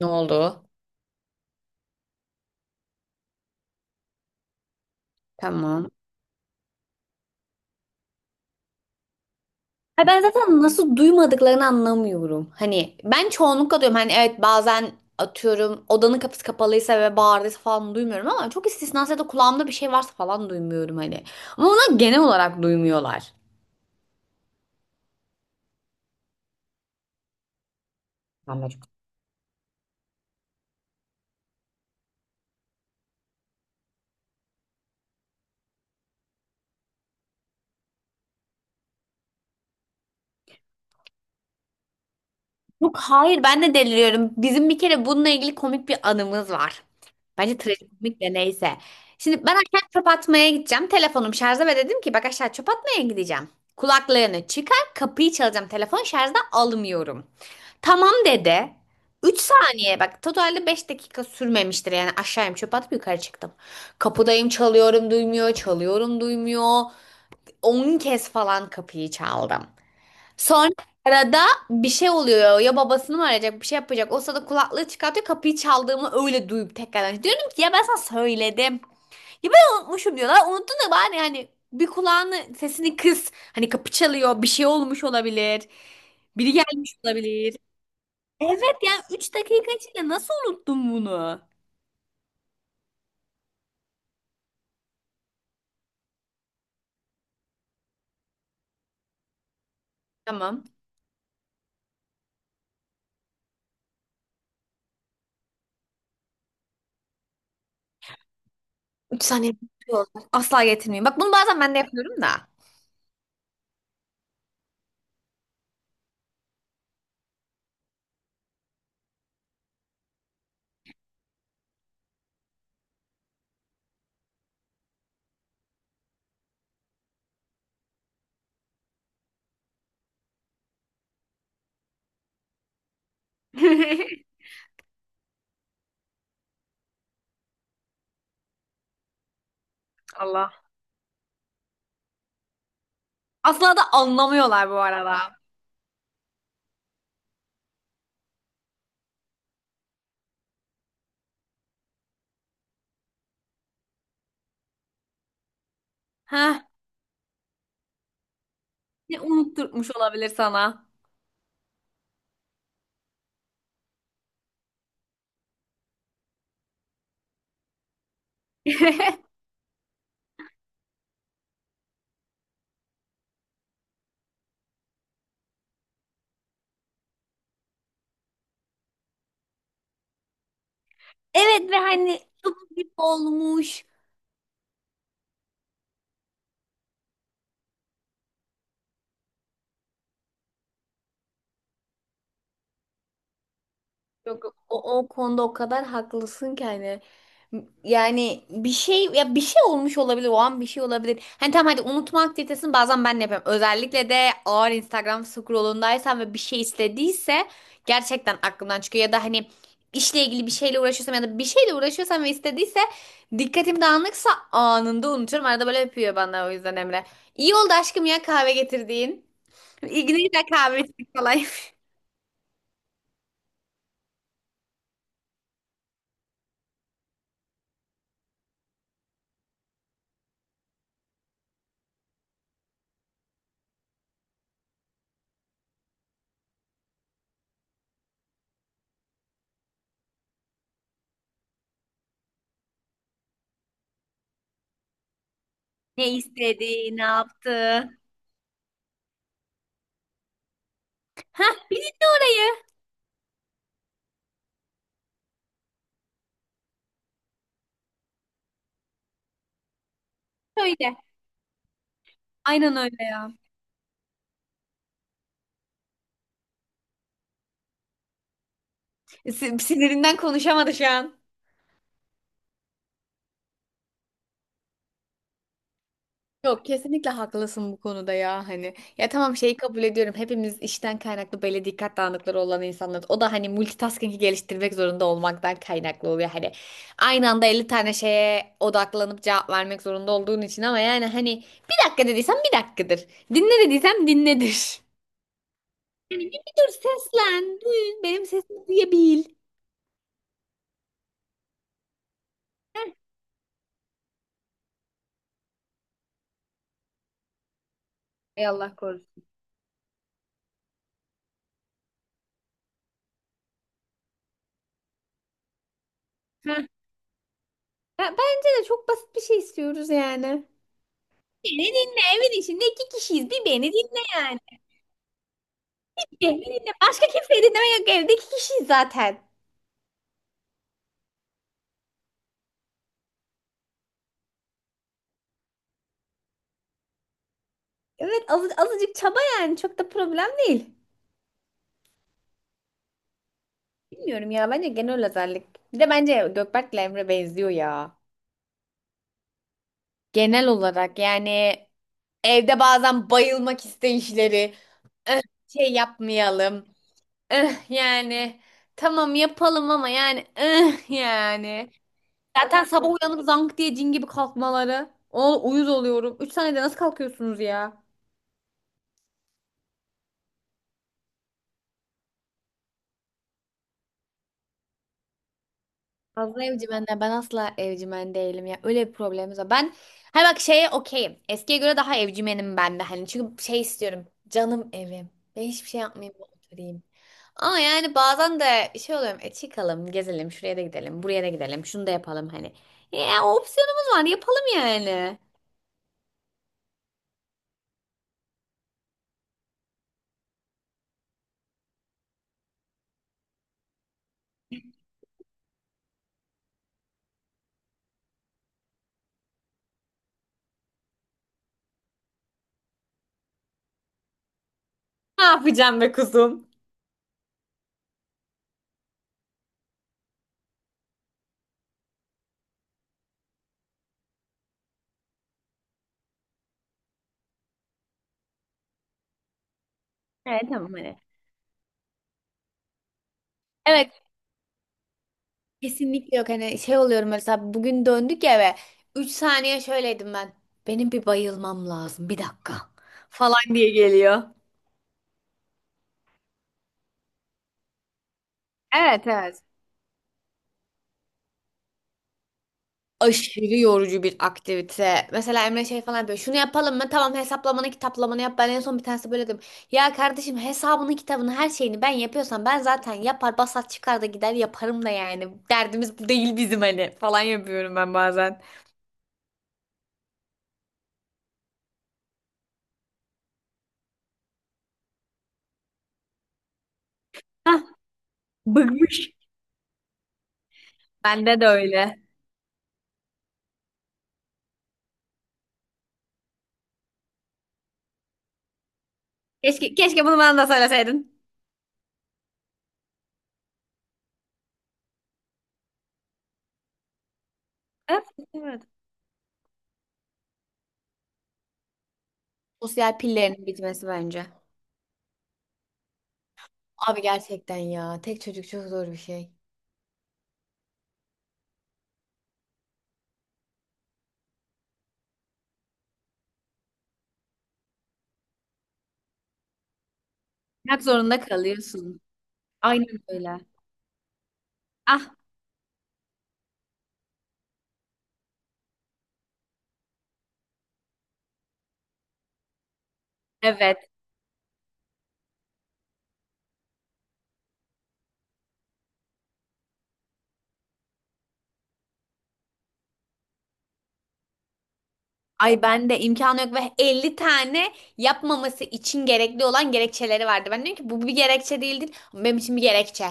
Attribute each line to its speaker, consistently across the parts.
Speaker 1: Ne oldu? Tamam. Ha ben zaten nasıl duymadıklarını anlamıyorum. Hani ben çoğunlukla diyorum hani evet bazen atıyorum odanın kapısı kapalıysa ve bağırdıysa falan duymuyorum ama çok istisnası ya da kulağımda bir şey varsa falan duymuyorum hani. Ama onlar genel olarak duymuyorlar. Anladım. Yok hayır ben de deliriyorum. Bizim bir kere bununla ilgili komik bir anımız var. Bence trajikomik de neyse. Şimdi ben aşağı çöp atmaya gideceğim. Telefonum şarjda ve dedim ki bak aşağı çöp atmaya gideceğim. Kulaklarını çıkar kapıyı çalacağım. Telefon şarjda almıyorum. Tamam dedi. 3 saniye bak totalde 5 dakika sürmemiştir yani aşağıyım çöp atıp yukarı çıktım. Kapıdayım çalıyorum duymuyor çalıyorum duymuyor. 10 kez falan kapıyı çaldım. Sonra arada bir şey oluyor. Ya babasını mı arayacak, bir şey yapacak. O sırada kulaklığı çıkartıyor. Kapıyı çaldığımı öyle duyup tekrardan. Diyorum ki ya ben sana söyledim. Ya ben unutmuşum diyorlar. Unuttun da bari hani bir kulağını sesini kıs. Hani kapı çalıyor. Bir şey olmuş olabilir. Biri gelmiş olabilir. Evet yani 3 dakika içinde nasıl unuttun bunu? Tamam. 3 saniye. Bitiyor. Asla getirmeyeyim. Bak bunu bazen ben de yapıyorum da. Allah. Asla da anlamıyorlar bu arada. Heh. Ne unutturmuş olabilir sana? Evet ve hani su gibi olmuş. Yok o konuda o kadar haklısın ki hani yani bir şey ya bir şey olmuş olabilir o an bir şey olabilir. Hani tamam hadi unutma aktivitesini bazen ben de yapıyorum. Özellikle de ağır Instagram scrollundaysam ve bir şey istediyse gerçekten aklımdan çıkıyor ya da hani işle ilgili bir şeyle uğraşıyorsam ya da bir şeyle uğraşıyorsam ve istediyse dikkatim dağınıksa anında unutuyorum. Arada böyle yapıyor bana o yüzden Emre. İyi oldu aşkım ya kahve getirdiğin. İlgili de kahve içtik falan. Ne istedi, ne yaptı? Heh, bir dinle orayı. Öyle. Aynen öyle ya. Sinirinden konuşamadı şu an. Yok kesinlikle haklısın bu konuda ya hani. Ya tamam şeyi kabul ediyorum. Hepimiz işten kaynaklı böyle dikkat dağınıkları olan insanlar. O da hani multitasking'i geliştirmek zorunda olmaktan kaynaklı oluyor. Hani aynı anda 50 tane şeye odaklanıp cevap vermek zorunda olduğun için ama yani hani bir dakika dediysem bir dakikadır. Dinle dediysem dinledir. Yani bir dur seslen. Duy, benim sesimi duyabil. Heh. Ey Allah korusun. Ya bence de çok basit bir şey istiyoruz yani. Beni dinle evin içinde 2 kişiyiz. Bir beni dinle yani. Beni dinle. Başka kimseyi dinleme yok evde 2 kişiyiz zaten. Evet azıcık çaba yani çok da problem değil. Bilmiyorum ya bence genel özellik. Bir de bence Gökberk'le Emre benziyor ya. Genel olarak yani evde bazen bayılmak isteyişleri. "Eh, şey yapmayalım. Eh, yani tamam yapalım ama yani eh, yani. Zaten sabah uyanıp zank diye cin gibi kalkmaları. O uyuz oluyorum. 3 saniyede nasıl kalkıyorsunuz ya? Fazla evcimenden ben asla evcimen değilim ya. Öyle bir problemimiz var. Ben hay bak şeye okeyim. Eskiye göre daha evcimenim ben de hani. Çünkü şey istiyorum. Canım evim. Ben hiçbir şey yapmayayım oturayım. Ama yani bazen de şey oluyorum. E çıkalım, gezelim, şuraya da gidelim, buraya da gidelim, şunu da yapalım hani. Ya o opsiyonumuz var. Yapalım yani. Ne yapacağım be kuzum? Evet tamam hani. Evet kesinlikle yok. Hani şey oluyorum mesela bugün döndük eve. 3 saniye şöyleydim ben. Benim bir bayılmam lazım. Bir dakika falan diye geliyor. Evet evet. Aşırı yorucu bir aktivite. Mesela Emre şey falan yapıyor. Şunu yapalım mı? Tamam hesaplamanı kitaplamanı yap. Ben en son bir tanesi böyle dedim. Ya kardeşim hesabını kitabını her şeyini ben yapıyorsam ben zaten yapar basat çıkar da gider yaparım da yani. Derdimiz bu değil bizim hani falan yapıyorum ben bazen. Hah, bıkmış. Bende de öyle. Keşke, keşke bunu bana da söyleseydin. Evet, evet. Sosyal pillerinin bitmesi bence. Abi gerçekten ya. Tek çocuk çok zor bir şey. Yapmak zorunda kalıyorsun. Aynen öyle. Ah evet. Ay ben de imkanı yok ve 50 tane yapmaması için gerekli olan gerekçeleri vardı. Ben diyorum ki bu bir gerekçe değildir, ama benim için bir gerekçe.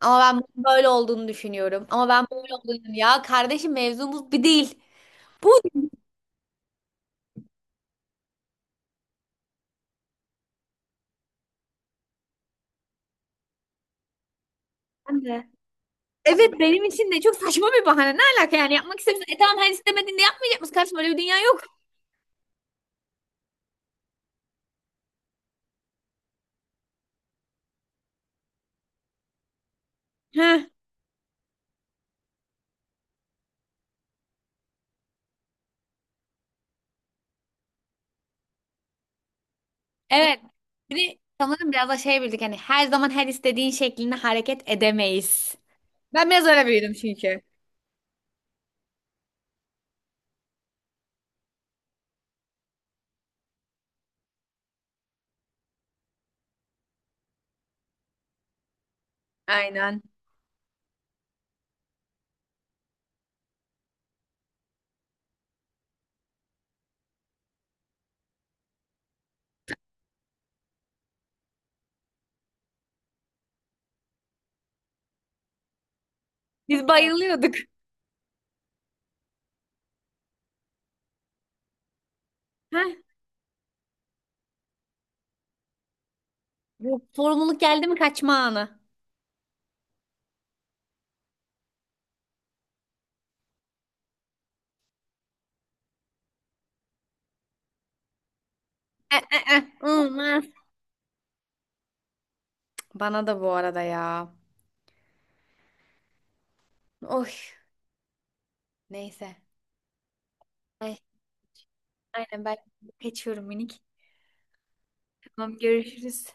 Speaker 1: Ama ben bunun böyle olduğunu düşünüyorum. Ama ben böyle olduğunu düşünüyorum. Ya kardeşim mevzumuz bir değil. Bu Ben de. Evet benim için de çok saçma bir bahane. Ne alaka yani yapmak istemiyorsan. E tamam hani istemediğinde yapmayacak mısın? Kardeşim öyle bir dünya yok. Evet. Bir de sanırım biraz da şey bildik hani her zaman her istediğin şeklinde hareket edemeyiz. Ben biraz öyle büyüdüm çünkü. Aynen. Biz bayılıyorduk. Heh. Bu sorumluluk geldi mi kaçma anı. E, e, e. Olmaz. Bana da bu arada ya. Oy. Neyse. Ay, aynen ben kaçıyorum minik. Tamam görüşürüz.